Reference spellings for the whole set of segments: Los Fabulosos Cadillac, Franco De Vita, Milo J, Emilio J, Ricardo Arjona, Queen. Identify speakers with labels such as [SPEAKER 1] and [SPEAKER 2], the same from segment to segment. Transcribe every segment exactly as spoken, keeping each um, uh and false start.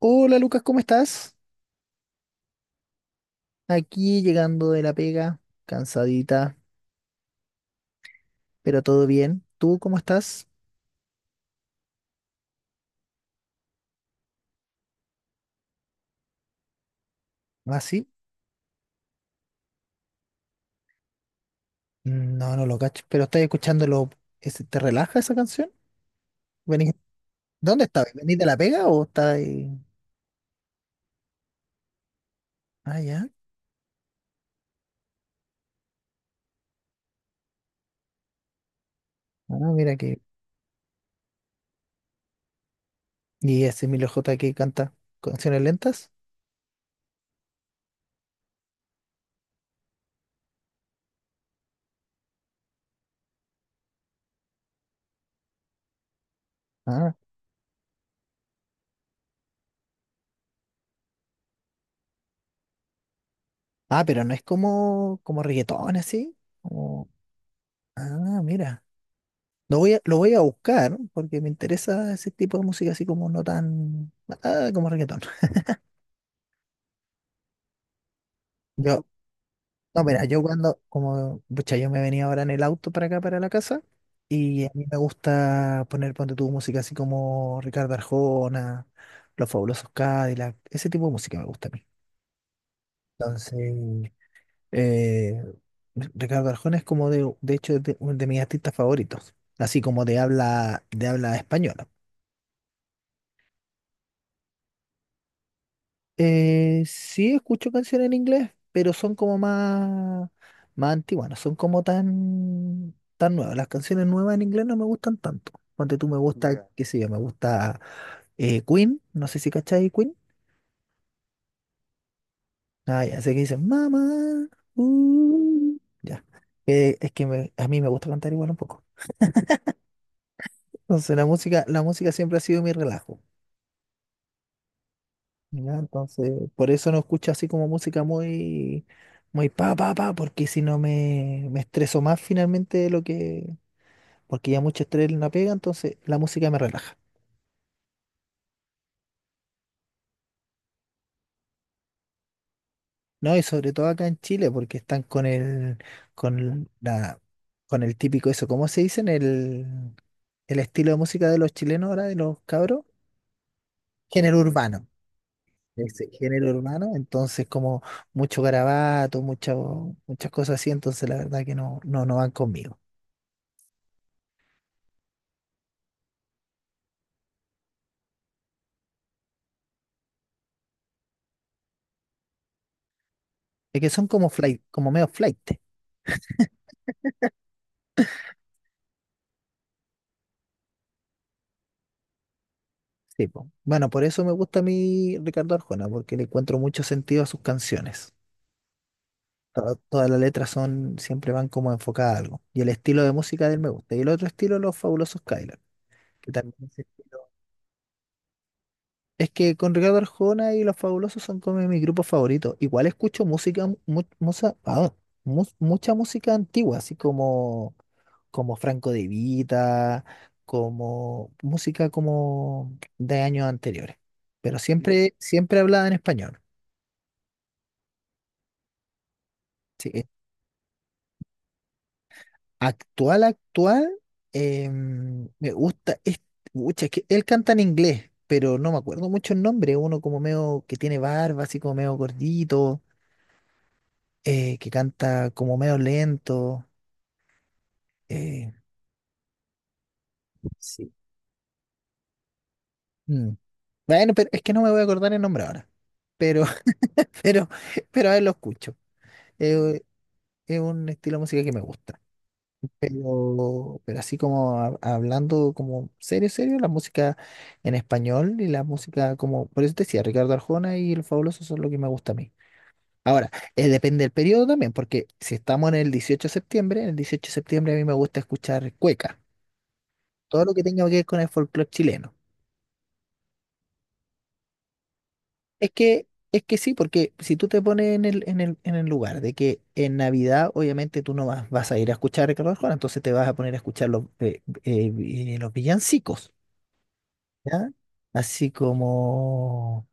[SPEAKER 1] Hola Lucas, ¿cómo estás? Aquí llegando de la pega, cansadita, pero todo bien. ¿Tú cómo estás? ¿Ah, sí? Mm, no, no lo cacho, pero estás escuchándolo. ¿Ese- ¿Te relaja esa canción? ¿Venís- ¿Dónde estás? ¿Venís de la pega o estás ahí? Ah, ya. Ah, mira que. ¿Y ese Emilio J que canta canciones lentas? Ah, ah, pero no es como, como reggaetón así. Como- Ah, mira. Lo voy a, lo voy a buscar porque me interesa ese tipo de música así como no tan. Ah, como reggaetón. Yo, no, mira, yo cuando, como, pucha, yo me venía ahora en el auto para acá, para la casa, y a mí me gusta poner, ponte tu música así como Ricardo Arjona, Los Fabulosos Cadillac, ese tipo de música me gusta a mí. Entonces, eh, Ricardo Arjona es como de, de hecho, es de, uno de mis artistas favoritos, así como de habla, de habla española. Eh, sí escucho canciones en inglés, pero son como más, más antiguas, no son como tan, tan nuevas. Las canciones nuevas en inglés no me gustan tanto. Ponte tú me gusta, ya, qué sé yo, me gusta eh, Queen, no sé si cachai Queen. Ah, ya sé que dicen mamá, uh", ya. Eh, es que me- a mí me gusta cantar igual un poco. Entonces la música, la música siempre ha sido mi relajo. Ya, entonces, por eso no escucho así como música muy, muy pa, pa, pa, porque si no me, me estreso más finalmente de lo que, porque ya mucho estrés no pega, entonces la música me relaja. No, y sobre todo acá en Chile, porque están con el, con la, con el típico eso, ¿cómo se dicen? El, el estilo de música de los chilenos ahora, de los cabros, género urbano. Ese género urbano, entonces como mucho garabato, mucho, muchas cosas así, entonces la verdad que no, no, no van conmigo. Es que son como flight, como medio flight. Sí, po. Bueno, por eso me gusta a mí Ricardo Arjona, porque le encuentro mucho sentido a sus canciones. To- Todas las letras son, siempre van como enfocadas a algo. Y el estilo de música de él me gusta. Y el otro estilo, Los Fabulosos Kylan, que también es estilo. Es que con Ricardo Arjona y Los Fabulosos son como mis grupos favoritos. Igual escucho música, mu- mucha, ah, mu- mucha música antigua, así como como Franco De Vita, como música como de años anteriores. Pero siempre, siempre hablaba en español. Sí. eh, Actual, actual, eh, me gusta, es, pucha, es que él canta en inglés, pero no me acuerdo mucho el nombre, uno como medio que tiene barba, así como medio gordito, eh, que canta como medio lento. eh, Sí. Mm. Bueno, pero es que no me voy a acordar el nombre ahora. Pero, pero, pero a él lo escucho. Eh, es un estilo de música que me gusta. Pero, pero así como hab- hablando como serio, serio, la música en español y la música como, por eso te decía, Ricardo Arjona y El Fabuloso son lo que me gusta a mí. Ahora, eh, depende del periodo también, porque si estamos en el dieciocho de septiembre, el dieciocho de septiembre a mí me gusta escuchar cueca, todo lo que tenga que ver con el folclore chileno. Es que, es que sí, porque si tú te pones en el, en el, en el lugar de que en Navidad, obviamente tú no vas, vas a ir a escuchar a Ricardo Arjona, entonces te vas a poner a escuchar los, eh, eh, vi- eh, los villancicos, ¿ya? Así como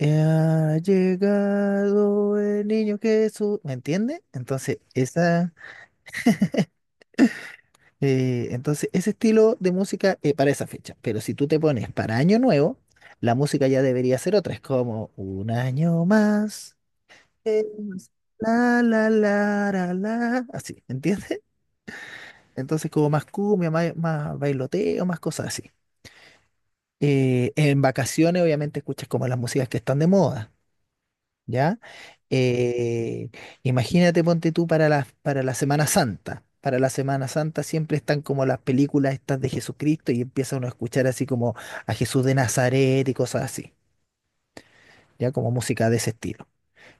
[SPEAKER 1] ha llegado el niño Jesús, ¿me entiendes? Entonces, esa, eh, entonces, ese estilo de música eh, para esa fecha. Pero si tú te pones para Año Nuevo, la música ya debería ser otra. Es como un año más. eh, La, la, la, la, la, así, ¿entiendes? Entonces como más cumbia, más, más bailoteo, más cosas así. Eh, en vacaciones obviamente escuchas como las músicas que están de moda, ¿ya? Eh, Imagínate, ponte tú para la, para la Semana Santa. Para la Semana Santa siempre están como las películas estas de Jesucristo y empieza uno a escuchar así como a Jesús de Nazaret y cosas así, ¿ya? Como música de ese estilo.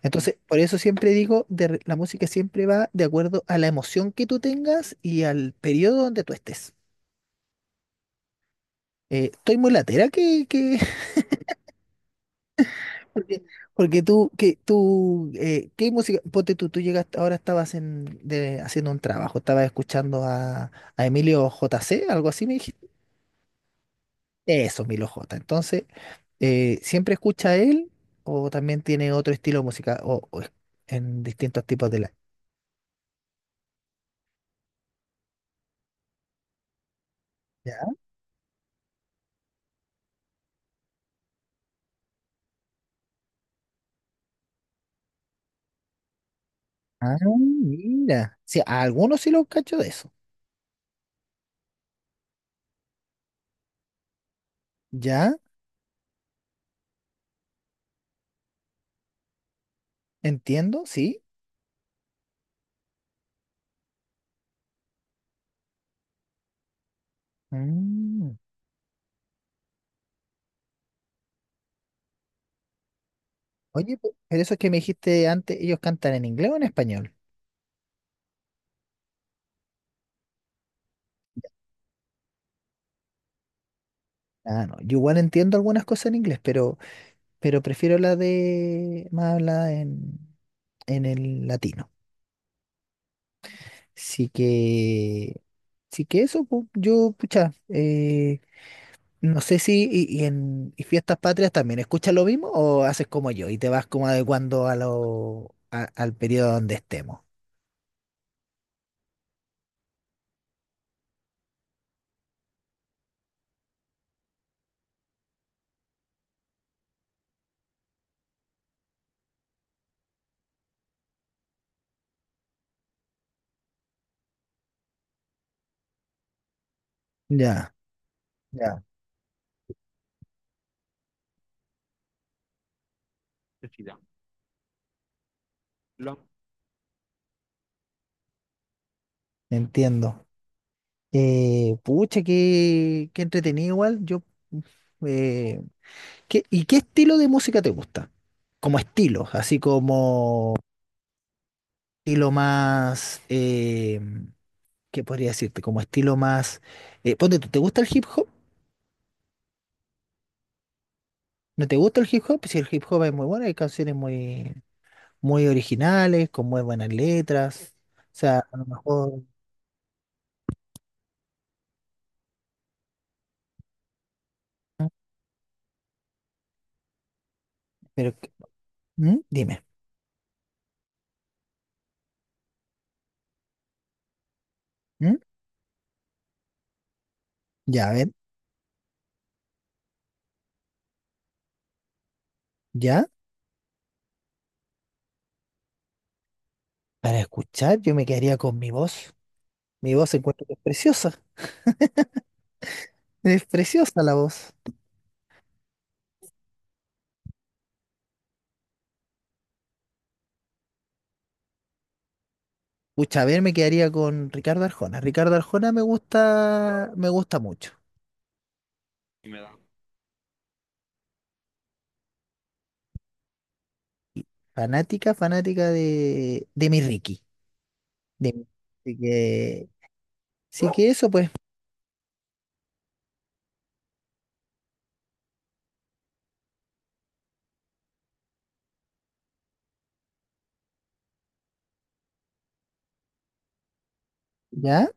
[SPEAKER 1] Entonces, por eso siempre digo, de re- la música siempre va de acuerdo a la emoción que tú tengas y al periodo donde tú estés. Eh, estoy muy latera que, que porque, porque tú, que tú, eh, ¿qué música? Ponte tú, tú llegaste, ahora estabas en, de- haciendo un trabajo, estabas escuchando a, a Emilio J C, algo así me dijiste. Eso, Milo J. Entonces, eh, siempre escucha a él o también tiene otro estilo de música o, o es- en distintos tipos de la... Ah, mira. Sí, a algunos sí los cacho de eso. Ya, entiendo, sí. Mm. Oye, pe- pero eso que me dijiste antes, ¿ellos cantan en inglés o en español? Ah, no. Yo igual entiendo algunas cosas en inglés, pero, pero prefiero la de más hablada en, en el latino. Sí que, sí que eso, pu- yo, pucha, eh, no sé si y, y en y fiestas patrias también escuchas lo mismo o haces como yo y te vas como adecuando a lo, a- al periodo donde estemos. Ya, ya, entiendo. Eh, pucha, qué, qué entretenido igual. Yo, eh, ¿qué- ¿y qué estilo de música te gusta? Como estilo, así como estilo más, eh, ¿qué podría decirte? Como estilo más, eh, ponte tú, ¿te gusta el hip hop? ¿No te gusta el hip hop? Si el hip hop es muy bueno, hay canciones muy, muy originales, con muy buenas letras. O sea, a lo mejor, ¿mm? Pero, ¿mm? Dime, ¿mm? Ya, a ver, ya. Para escuchar, yo me quedaría con mi voz. Mi voz encuentro que es preciosa. Es preciosa la voz. Pucha, a ver, me quedaría con Ricardo Arjona. Ricardo Arjona me gusta, me gusta mucho. Fanática, fanática de, de mi Ricky. De mi- Así que, sí que eso, pues. Ya,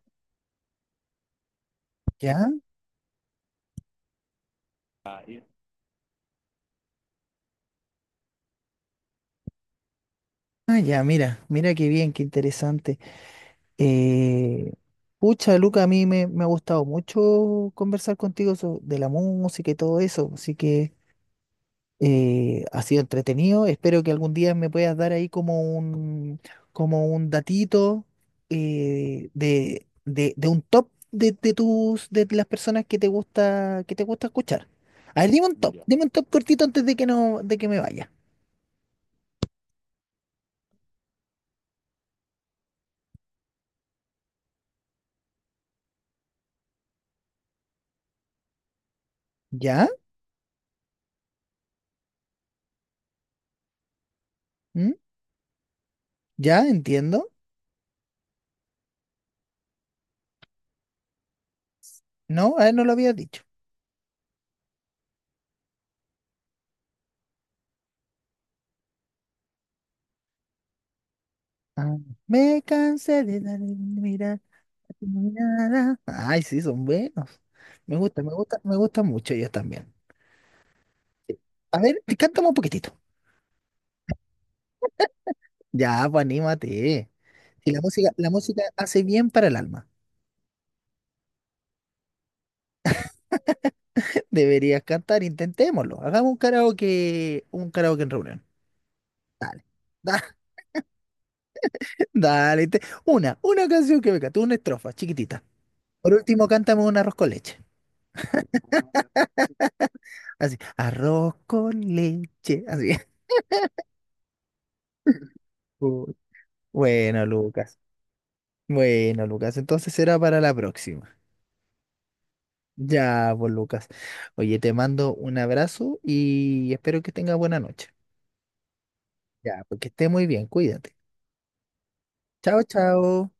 [SPEAKER 1] ya, ah, ya, mira, mira qué bien, qué interesante. Eh, Pucha, Luca, a mí me, me ha gustado mucho conversar contigo so- de la música y todo eso. Así que. Eh, ha sido entretenido. Espero que algún día me puedas dar ahí como un, como un datito eh, de, de, de un top de, de tus, de las personas que te gusta, que te gusta escuchar. A ver, dime un top, dime un top cortito antes de que no, de que me vaya. ¿Ya? ¿Mm? ¿Ya? Entiendo. No, a ver, no lo habías dicho. Ah, me cansé de dar mirar a tu mirada. Ay, sí, son buenos. Me gusta, me gusta, me gustan mucho ellos también. A ver, cántame un poquitito. Ya, pues anímate. Si la música, la música hace bien para el alma. Deberías cantar, intentémoslo. Hagamos un karaoke, un karaoke en reunión. Dale, dale, dale. te- Una, una canción que me cante, una estrofa chiquitita. Por último, cántame un arroz con leche. Así, arroz con leche. Así. Uy, bueno, Lucas. Bueno, Lucas, entonces será para la próxima. Ya, pues, Lucas. Oye, te mando un abrazo y espero que tengas buena noche. Ya, porque esté muy bien, cuídate. Chao, chao.